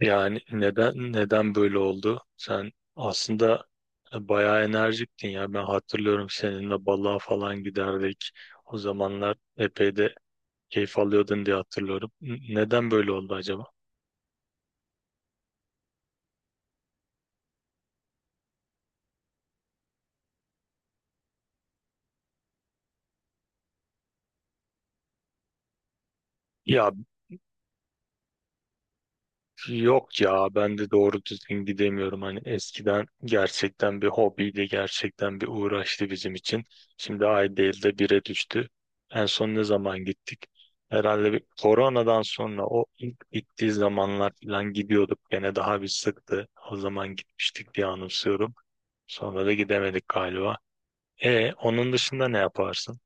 Yani neden böyle oldu? Sen aslında bayağı enerjiktin ya. Ben hatırlıyorum seninle balığa falan giderdik. O zamanlar epey de keyif alıyordun diye hatırlıyorum. Neden böyle oldu acaba? Ya Yok ya ben de doğru düzgün gidemiyorum. Hani eskiden gerçekten bir hobiydi, gerçekten bir uğraştı bizim için. Şimdi ay değil de bire düştü. En son ne zaman gittik? Herhalde bir koronadan sonra o ilk bittiği zamanlar falan gidiyorduk. Gene daha bir sıktı. O zaman gitmiştik diye anımsıyorum. Sonra da gidemedik galiba. E onun dışında ne yaparsın?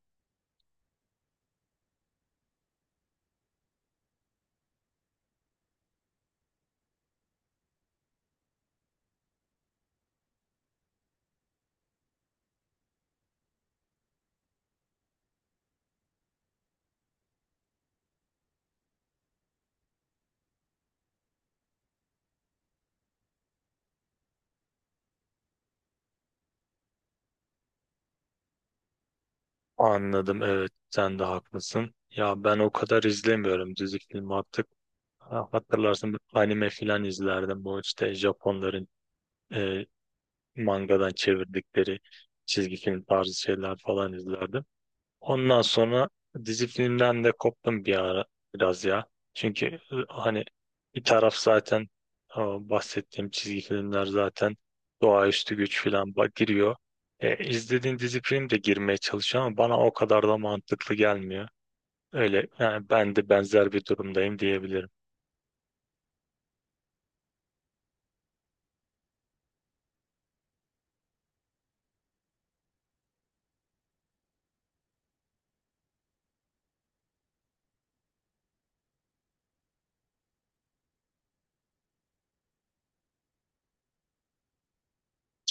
Anladım, evet, sen de haklısın. Ya ben o kadar izlemiyorum dizi film artık. Ha, hatırlarsın anime filan izlerdim. Bu işte Japonların e, mangadan çevirdikleri çizgi film tarzı şeyler falan izlerdim. Ondan sonra dizi filmden de koptum bir ara biraz ya. Çünkü hani bir taraf zaten o bahsettiğim çizgi filmler zaten doğaüstü güç filan giriyor. E, izlediğin dizi film de girmeye çalışıyor ama bana o kadar da mantıklı gelmiyor. Öyle yani ben de benzer bir durumdayım diyebilirim.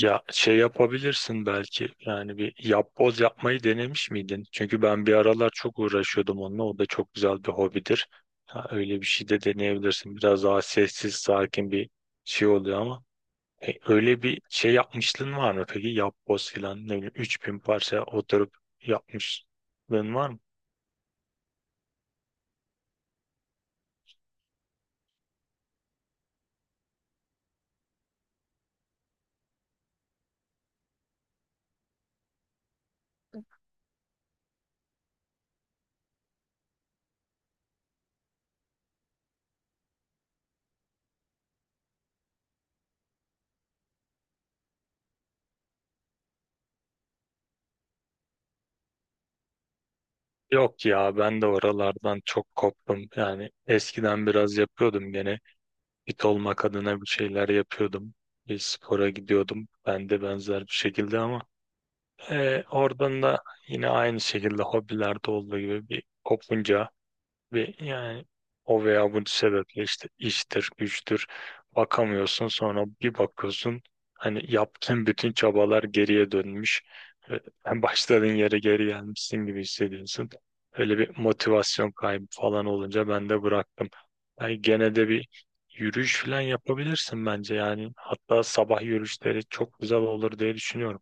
Ya şey yapabilirsin belki yani bir yapboz yapmayı denemiş miydin? Çünkü ben bir aralar çok uğraşıyordum onunla. O da çok güzel bir hobidir. Ha, öyle bir şey de deneyebilirsin. Biraz daha sessiz, sakin bir şey oluyor ama E, öyle bir şey yapmışlığın var mı peki? Yapboz filan ne bileyim 3000 parça oturup yapmışlığın var mı? Yok ya ben de oralardan çok koptum. Yani eskiden biraz yapıyordum gene. Fit olmak adına bir şeyler yapıyordum. Bir spora gidiyordum. Ben de benzer bir şekilde ama oradan da yine aynı şekilde hobilerde olduğu gibi bir kopunca ve yani o veya bu sebeple işte iştir, güçtür bakamıyorsun. Sonra bir bakıyorsun hani yaptığın bütün çabalar geriye dönmüş. Hem başladığın yere geri gelmişsin gibi hissediyorsun. Öyle bir motivasyon kaybı falan olunca ben de bıraktım. Yani gene de bir yürüyüş falan yapabilirsin bence yani. Hatta sabah yürüyüşleri çok güzel olur diye düşünüyorum.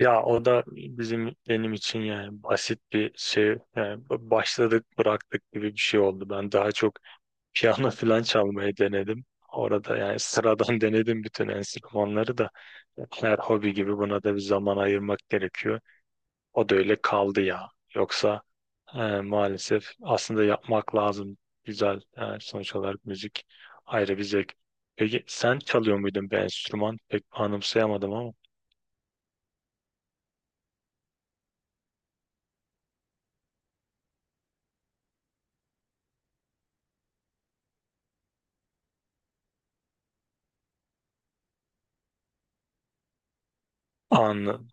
Ya o da benim için yani basit bir şey, yani başladık bıraktık gibi bir şey oldu. Ben daha çok piyano falan çalmayı denedim. Orada yani sıradan denedim bütün enstrümanları da her hobi gibi buna da bir zaman ayırmak gerekiyor. O da öyle kaldı ya. Yoksa maalesef aslında yapmak lazım. Güzel, sonuç olarak müzik ayrı bir zevk. Peki sen çalıyor muydun bir enstrüman? Pek anımsayamadım ama. Anladım.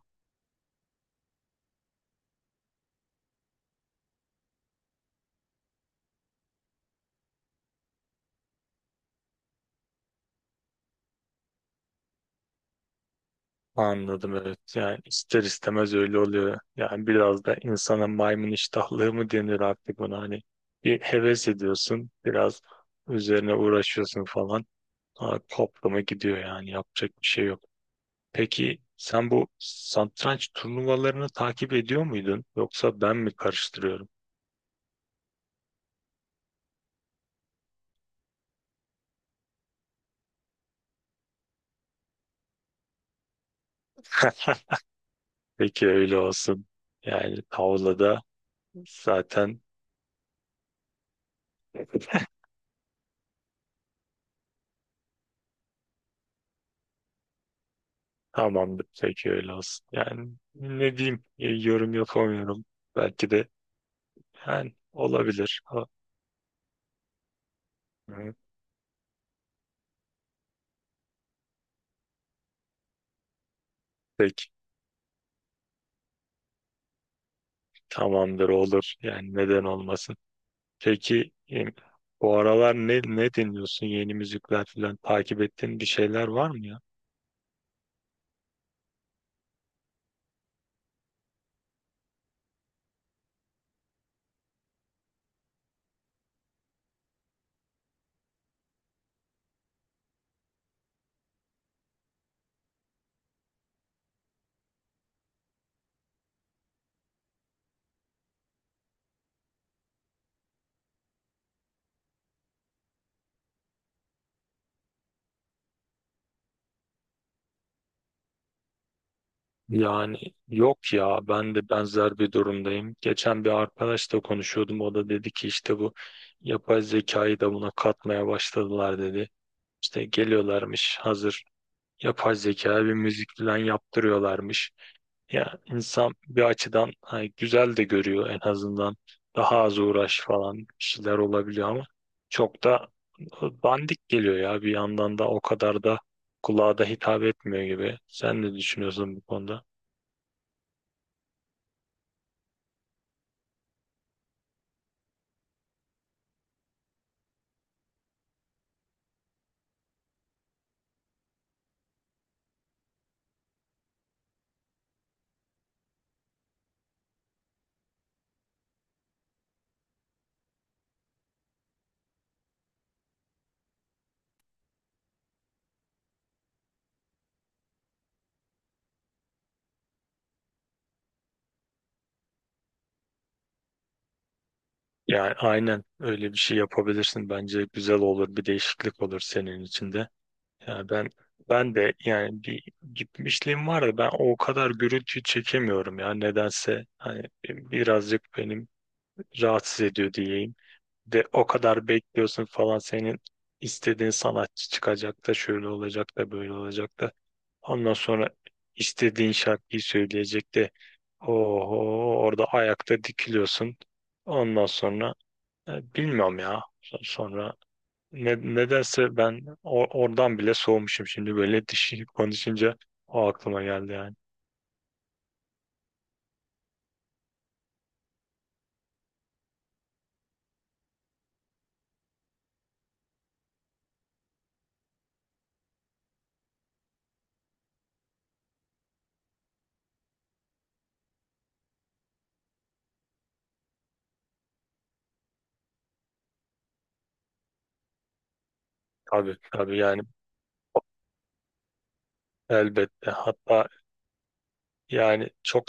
Anladım, evet. Yani ister istemez öyle oluyor. Yani biraz da insana maymun iştahlığı mı denir artık buna, hani bir heves ediyorsun biraz, üzerine uğraşıyorsun falan. Sonra toplama gidiyor yani yapacak bir şey yok. Peki sen bu satranç turnuvalarını takip ediyor muydun yoksa ben mi karıştırıyorum? Peki öyle olsun. Yani tavlada zaten tamamdır. Peki öyle olsun. Yani ne diyeyim, yorum yapamıyorum. Belki de yani olabilir. Ha, hı. Peki tamamdır, olur. Yani neden olmasın. Peki bu aralar ne dinliyorsun? Yeni müzikler falan takip ettiğin bir şeyler var mı ya? Yani yok ya ben de benzer bir durumdayım. Geçen bir arkadaşla konuşuyordum. O da dedi ki işte bu yapay zekayı da buna katmaya başladılar dedi. İşte geliyorlarmış hazır yapay zekaya bir müzik falan yaptırıyorlarmış. Ya insan bir açıdan hani güzel de görüyor en azından. Daha az uğraş falan bir şeyler olabiliyor ama çok da bandik geliyor ya, bir yandan da o kadar da kulağa da hitap etmiyor gibi. Sen ne düşünüyorsun bu konuda? Yani aynen öyle bir şey yapabilirsin. Bence güzel olur. Bir değişiklik olur senin için de. Yani ben de yani bir gitmişliğim var da ben o kadar gürültü çekemiyorum ya nedense, hani birazcık benim rahatsız ediyor diyeyim. De o kadar bekliyorsun falan, senin istediğin sanatçı çıkacak da şöyle olacak da böyle olacak da ondan sonra istediğin şarkıyı söyleyecek de oho, orada ayakta dikiliyorsun, ondan sonra bilmiyorum ya sonra nedense ben oradan bile soğumuşum şimdi böyle dişi konuşunca o aklıma geldi yani. Tabii tabii yani elbette, hatta yani çok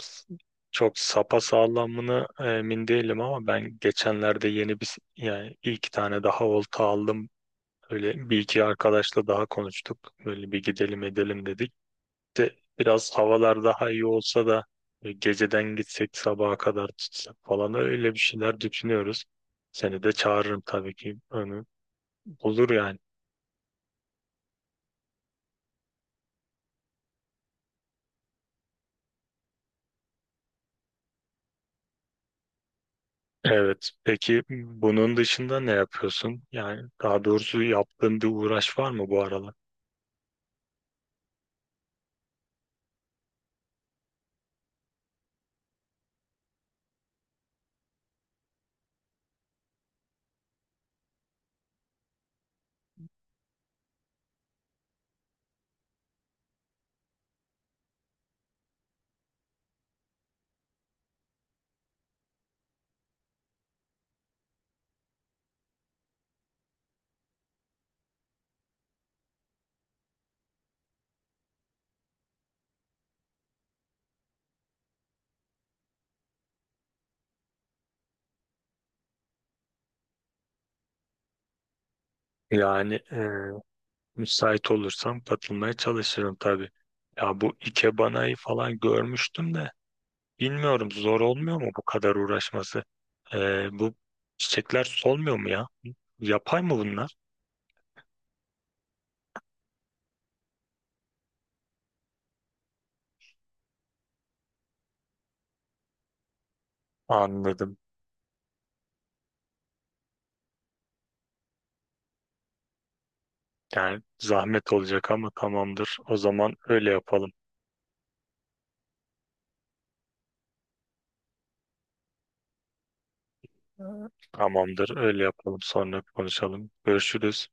çok sapasağlamını emin değilim ama ben geçenlerde yeni bir, yani bir iki tane daha olta aldım. Öyle bir iki arkadaşla daha konuştuk. Böyle bir gidelim edelim dedik. De biraz havalar daha iyi olsa da geceden gitsek sabaha kadar tutsak falan öyle bir şeyler düşünüyoruz. Seni de çağırırım tabii ki. Onu, olur yani. Evet. Peki bunun dışında ne yapıyorsun? Yani daha doğrusu yaptığın bir uğraş var mı bu aralar? Yani müsait olursam katılmaya çalışırım tabii. Ya bu ikebana'yı falan görmüştüm de bilmiyorum zor olmuyor mu bu kadar uğraşması? E, bu çiçekler solmuyor mu ya? Yapay mı bunlar? Anladım. Yani zahmet olacak ama tamamdır. O zaman öyle yapalım. Tamamdır, öyle yapalım. Sonra konuşalım. Görüşürüz.